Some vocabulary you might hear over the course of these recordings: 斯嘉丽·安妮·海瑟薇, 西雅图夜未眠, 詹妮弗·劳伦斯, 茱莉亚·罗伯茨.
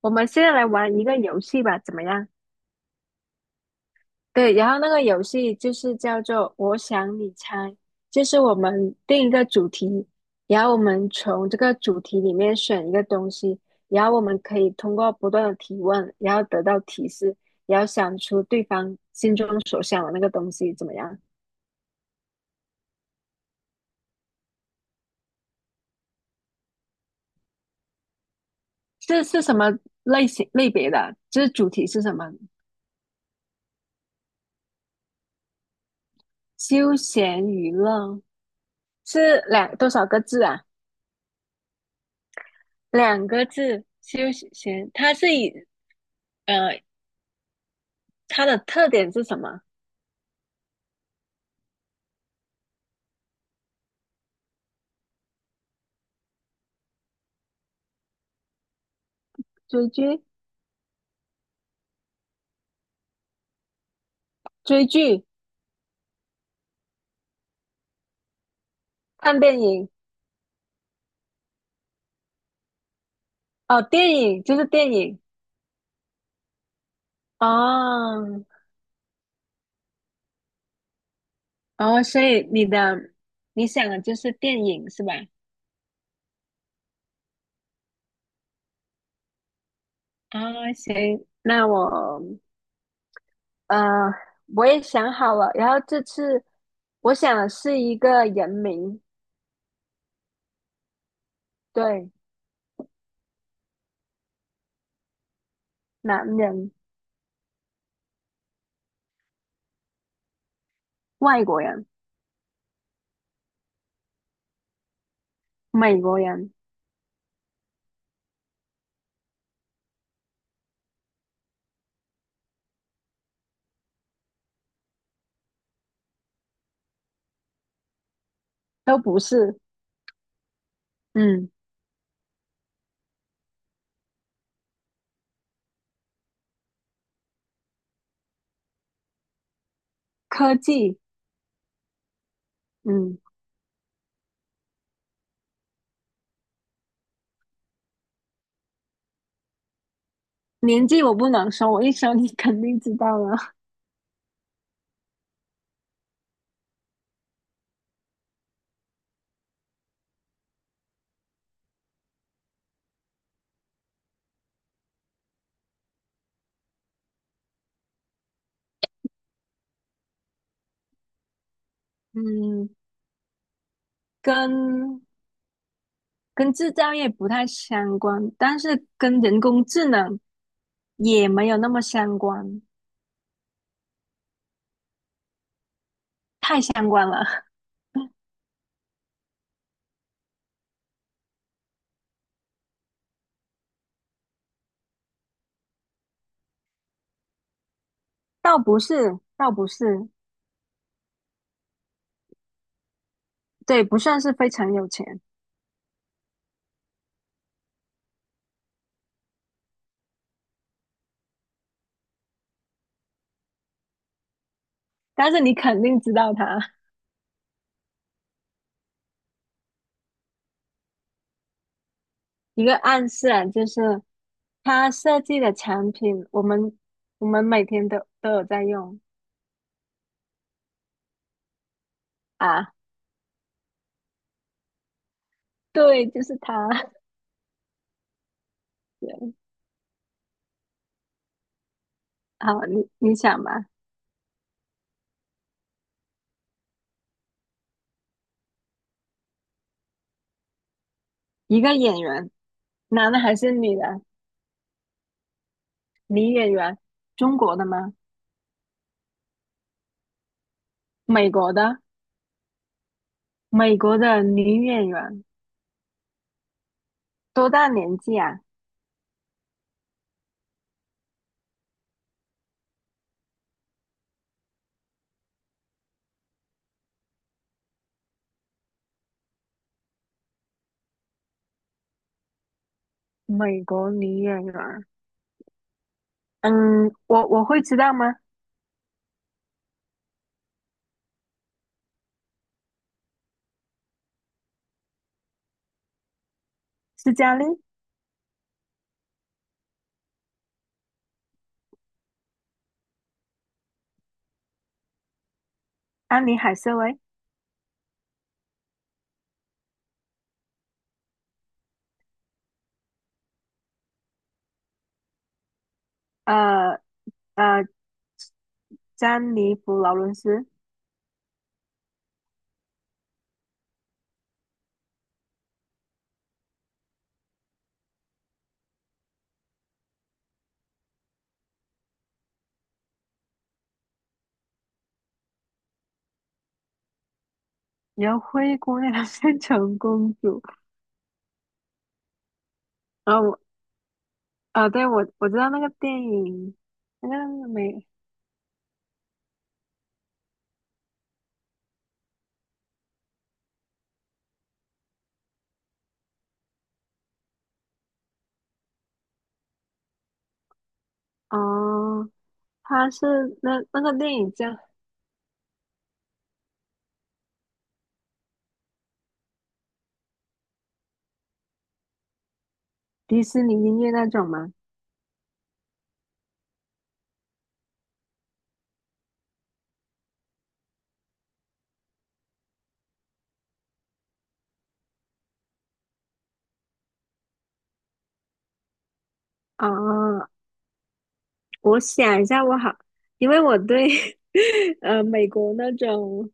我们现在来玩一个游戏吧，怎么样？对，然后那个游戏就是叫做“我想你猜”，就是我们定一个主题，然后我们从这个主题里面选一个东西，然后我们可以通过不断的提问，然后得到提示，然后想出对方心中所想的那个东西，怎么样？这是什么类型类别的？这主题是什么？休闲娱乐是两多少个字啊？两个字，休闲。它是以呃，它的特点是什么？追剧、追剧、看电影。哦，电影就是电影。哦哦，所以你的你想的就是电影是吧？啊、行，那我呃我也想好了，然后这次我想的是一个人名，对，男人、外国人、美国人都不是，嗯，科技，嗯，年纪我不能说，我一说你肯定知道了，嗯。跟跟制造业不太相关，但是跟人工智能也没有那么相关，太相关了，倒不是，倒不是，对，不算是非常有钱，但是你肯定知道他一个暗示啊，就是他设计的产品，我们每天都有在用。啊，对，就是他。对。好，你你想嘛，一个演员，男的还是女的？女演员，中国的吗？美国的？美国的女演员多大年纪啊？美国女演员，嗯，我会知道吗？斯嘉丽·安妮·海瑟薇，呃呃，詹妮弗·劳伦斯，然后灰姑娘变成公主，然后我，啊，对，我知道那个电影，那个美，哦，它是那那个电影叫迪士尼音乐那种吗？哦，我想一下，我好，因为我对 美国那种。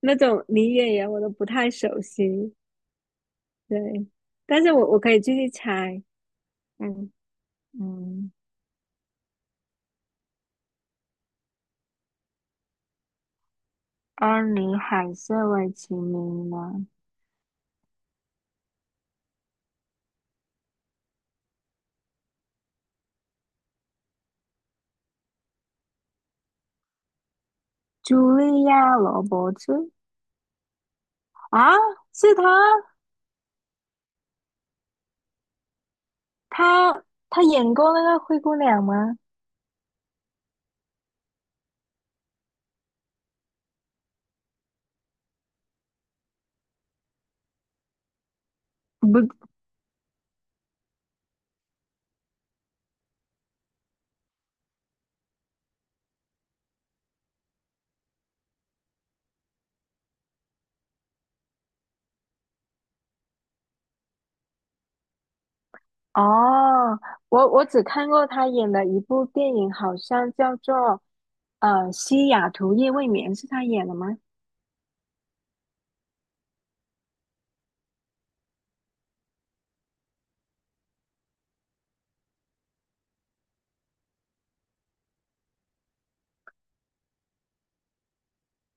那种女演员我都不太熟悉，对，但是我可以继续猜，嗯，嗯，安妮海瑟薇其名呢？茱莉亚·罗伯茨。啊，是她，她她演过那个灰姑娘吗？不，哦，我只看过她演的一部电影，好像叫做《西雅图夜未眠》，是她演的吗？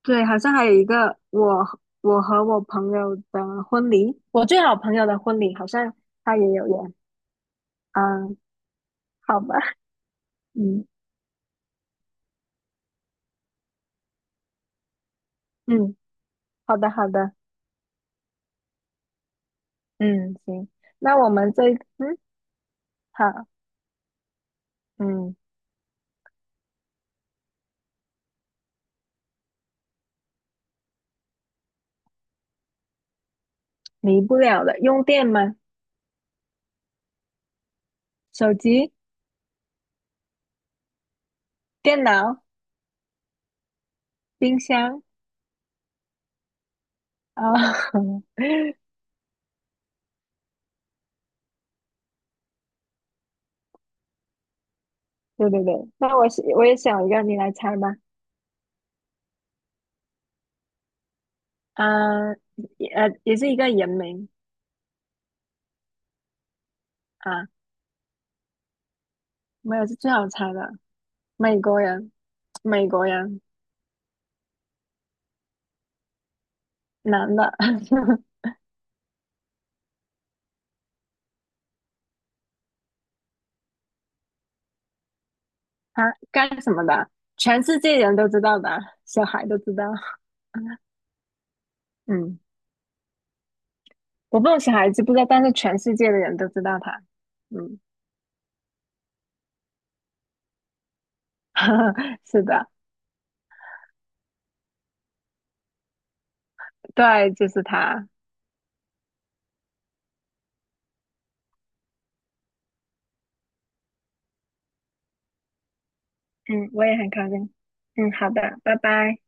对，好像还有一个我和我朋友的婚礼，我最好朋友的婚礼，好像他也有演。嗯，好吧，嗯嗯，好的好的，嗯行，那我们这嗯好，嗯离不了的，用电吗？手机、电脑、冰箱啊，对对对，那我是我也想一个，你来猜吧。嗯，也也是一个人名啊，没有是最好猜的，美国人，美国人。男的，他干什么的？全世界人都知道的，小孩都知道。嗯，我不懂小孩知不知道，但是全世界的人都知道他。嗯，是的，对，就是他。嗯，我也很高兴。嗯，好的，拜拜。